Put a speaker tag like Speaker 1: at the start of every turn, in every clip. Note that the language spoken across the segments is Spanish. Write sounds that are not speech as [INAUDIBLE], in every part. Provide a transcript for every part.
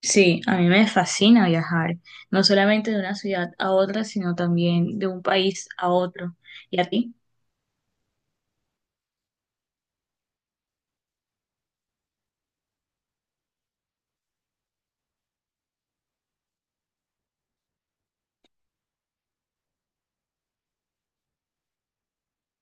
Speaker 1: Sí, a mí me fascina viajar, no solamente de una ciudad a otra, sino también de un país a otro. ¿Y a ti?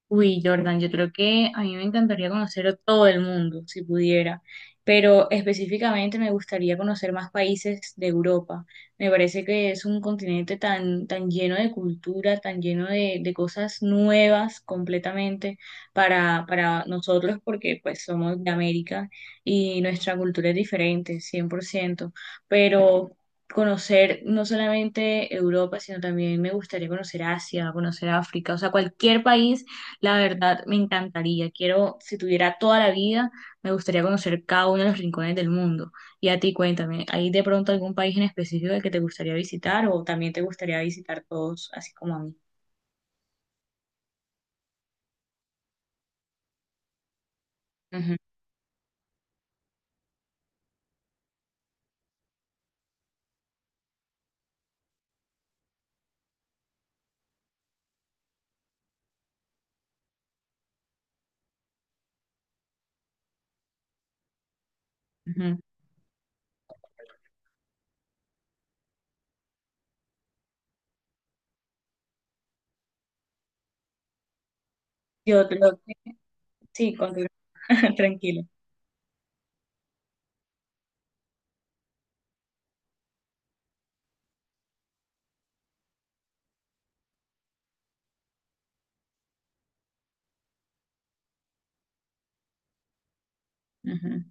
Speaker 1: Uy, Jordan, yo creo que a mí me encantaría conocer a todo el mundo, si pudiera, pero específicamente me gustaría conocer más países de Europa. Me parece que es un continente tan, tan lleno de cultura, tan lleno de cosas nuevas completamente para nosotros, porque pues somos de América y nuestra cultura es diferente, 100%. Pero conocer no solamente Europa, sino también me gustaría conocer Asia, conocer África, o sea, cualquier país la verdad, me encantaría. Quiero, si tuviera toda la vida, me gustaría conocer cada uno de los rincones del mundo. Y a ti, cuéntame, ¿hay de pronto algún país en específico que te gustaría visitar o también te gustaría visitar todos, así como a mí? Ujú, ujú. Yo creo que sí, continúa. [LAUGHS] Tranquilo. Ujú.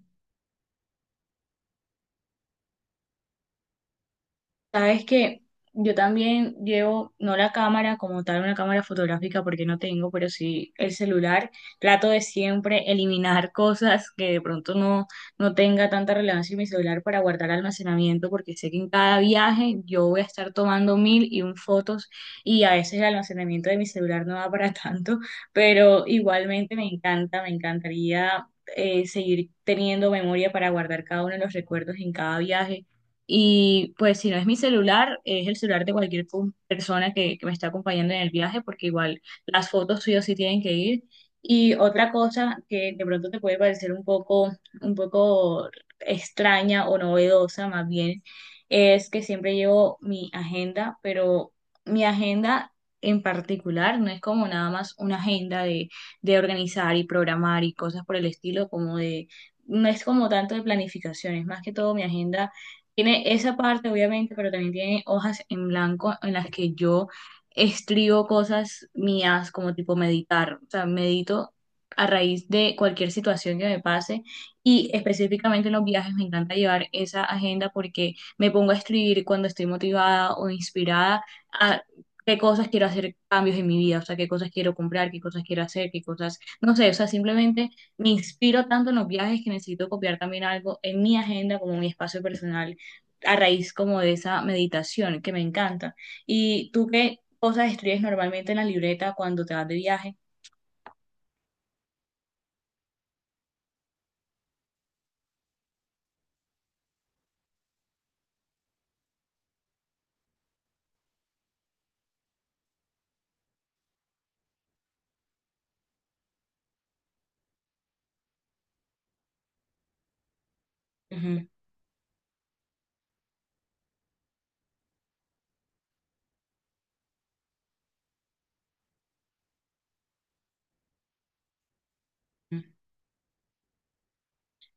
Speaker 1: Sabes que yo también llevo, no la cámara como tal, una cámara fotográfica porque no tengo, pero sí el celular. Trato de siempre eliminar [LAUGHS] cosas que de pronto no, no tenga tanta relevancia en mi celular para guardar almacenamiento porque sé que en cada viaje yo voy a estar tomando mil y un fotos y a veces el almacenamiento de mi celular no da para [LAUGHS] tanto, pero igualmente me encanta, me encantaría seguir teniendo memoria para guardar cada uno de los recuerdos en cada viaje y pues si no es mi celular, es el celular de cualquier persona que me está acompañando en el viaje, porque igual las fotos suyas sí o sí tienen que ir. Y otra cosa que de pronto te puede parecer un poco extraña o novedosa más bien, es que siempre llevo mi agenda, pero mi agenda en particular no es como nada más una agenda de organizar y programar y cosas por el estilo, como de, no es como tanto de planificación, es más que todo mi agenda tiene esa parte, obviamente, pero también tiene hojas en blanco en las que yo escribo cosas mías, como tipo meditar. O sea, medito a raíz de cualquier situación que me pase y específicamente en los viajes me encanta llevar esa agenda porque me pongo a escribir cuando estoy motivada o inspirada a qué cosas quiero hacer cambios en mi vida, o sea, qué cosas quiero comprar, qué cosas quiero hacer, qué cosas, no sé, o sea, simplemente me inspiro tanto en los viajes que necesito copiar también algo en mi agenda como mi espacio personal a raíz como de esa meditación que me encanta. ¿Y tú qué cosas escribes normalmente en la libreta cuando te vas de viaje?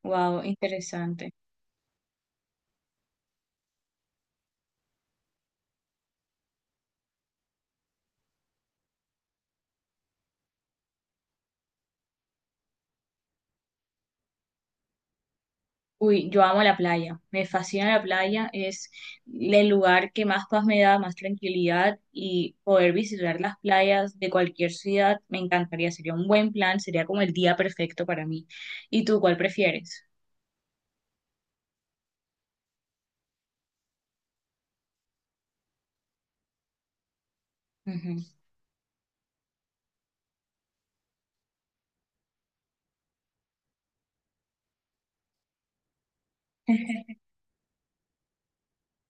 Speaker 1: Wow, interesante. Uy, yo amo la playa, me fascina la playa, es el lugar que más paz me da, más tranquilidad y poder visitar las playas de cualquier ciudad me encantaría, sería un buen plan, sería como el día perfecto para mí. ¿Y tú cuál prefieres?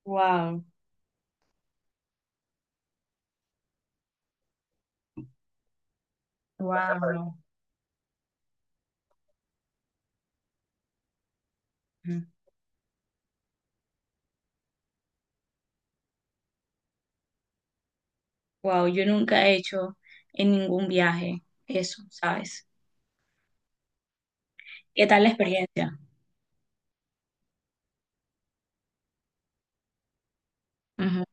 Speaker 1: Wow, wow. [LAUGHS] Wow, yo nunca he hecho en ningún viaje eso, ¿sabes? ¿Qué tal la experiencia? Ujú.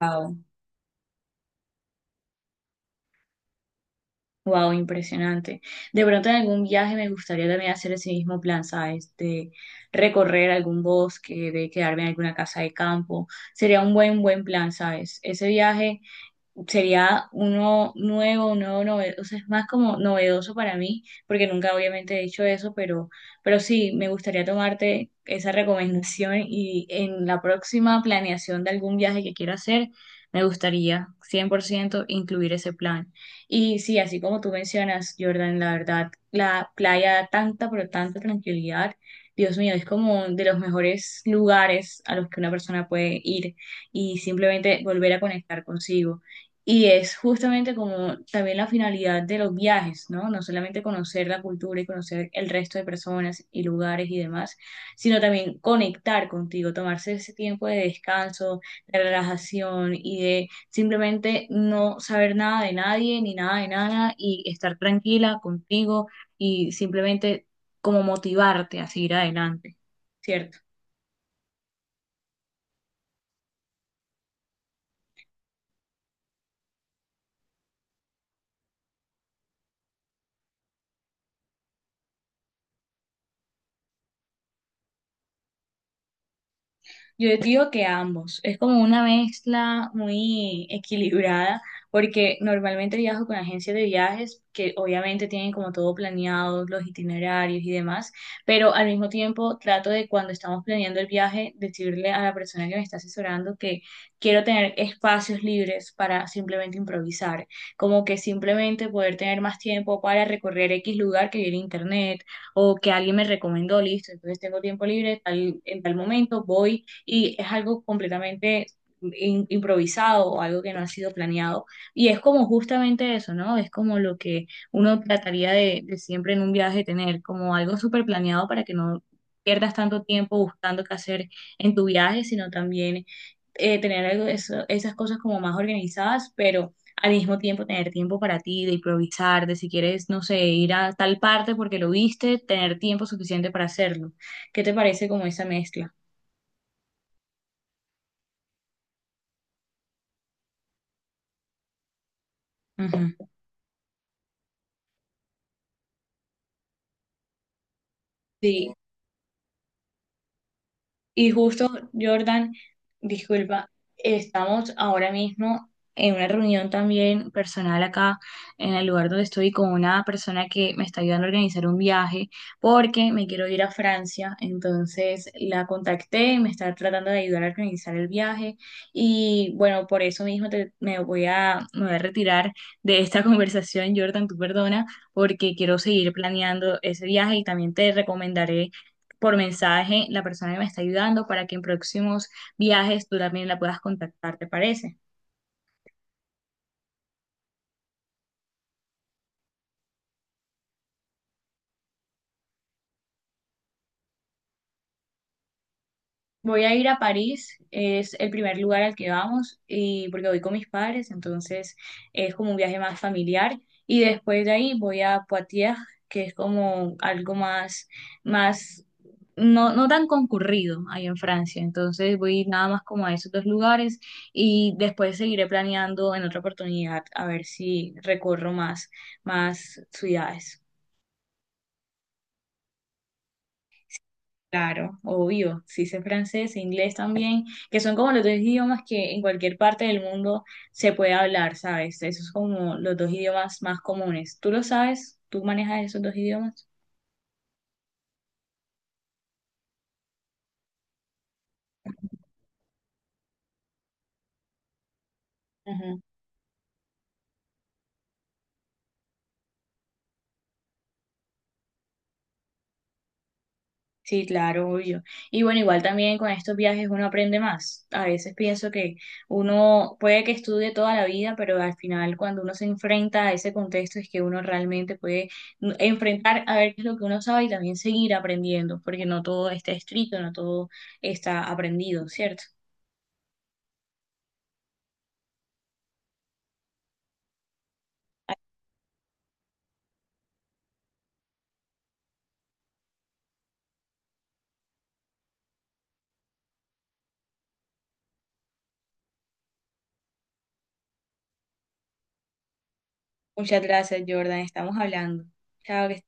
Speaker 1: Wow, wow, impresionante. De pronto en algún viaje me gustaría también hacer ese mismo plan, ¿sabes? De recorrer algún bosque, de quedarme en alguna casa de campo. Sería un buen, buen plan, ¿sabes? Ese viaje sería uno nuevo, un nuevo novedoso, o sea, es más como novedoso para mí, porque nunca obviamente he dicho eso, pero sí, me gustaría tomarte esa recomendación y en la próxima planeación de algún viaje que quiera hacer, me gustaría 100% incluir ese plan. Y sí, así como tú mencionas, Jordan, la verdad, la playa da tanta, pero tanta tranquilidad. Dios mío, es como de los mejores lugares a los que una persona puede ir y simplemente volver a conectar consigo. Y es justamente como también la finalidad de los viajes, ¿no? No solamente conocer la cultura y conocer el resto de personas y lugares y demás, sino también conectar contigo, tomarse ese tiempo de descanso, de relajación y de simplemente no saber nada de nadie ni nada de nada y estar tranquila contigo y simplemente como motivarte a seguir adelante, ¿cierto? Yo digo que ambos. Es como una mezcla muy equilibrada, porque normalmente viajo con agencias de viajes que obviamente tienen como todo planeado, los itinerarios y demás, pero al mismo tiempo trato de cuando estamos planeando el viaje, decirle a la persona que me está asesorando que quiero tener espacios libres para simplemente improvisar, como que simplemente poder tener más tiempo para recorrer X lugar que vi en internet o que alguien me recomendó, listo, entonces tengo tiempo libre, tal, en tal momento voy y es algo completamente improvisado o algo que no ha sido planeado. Y es como justamente eso, ¿no? Es como lo que uno trataría de siempre en un viaje tener, como algo súper planeado para que no pierdas tanto tiempo buscando qué hacer en tu viaje, sino también tener algo, esas cosas como más organizadas, pero al mismo tiempo tener tiempo para ti, de improvisar, de si quieres, no sé, ir a tal parte porque lo viste, tener tiempo suficiente para hacerlo. ¿Qué te parece como esa mezcla? Ujú. Sí. Y justo, Jordan, disculpa, estamos ahora mismo en una reunión también personal acá en el lugar donde estoy con una persona que me está ayudando a organizar un viaje porque me quiero ir a Francia. Entonces la contacté me está tratando de ayudar a organizar el viaje. Y bueno, por eso mismo me voy a retirar de esta [LAUGHS] conversación, Jordan, tú perdona, porque quiero seguir planeando ese viaje y también te recomendaré por mensaje la persona que me está ayudando para que en próximos viajes tú también la puedas contactar, ¿te parece? Voy a ir a París, es el primer lugar al que vamos y porque voy con mis padres, entonces es como un viaje más familiar y después de ahí voy a Poitiers, que es como algo más más no tan concurrido ahí en Francia, entonces voy nada más como a esos dos lugares y después seguiré planeando en otra oportunidad a ver si recorro más más ciudades. Claro, obvio, sí sé francés, e inglés también, que son como los dos idiomas que en cualquier parte del mundo se puede hablar, ¿sabes? Esos son como los dos idiomas más comunes. ¿Tú lo sabes? ¿Tú manejas esos dos idiomas? Sí, claro, obvio. Y bueno, igual también con estos viajes uno aprende más. A veces pienso que uno puede que estudie toda la vida, pero al final cuando uno se enfrenta a ese contexto es que uno realmente puede enfrentar a ver qué es lo que uno sabe y también seguir aprendiendo, porque no todo está escrito, no todo está aprendido, ¿cierto? Muchas gracias, Jordan. Estamos hablando. Chao, que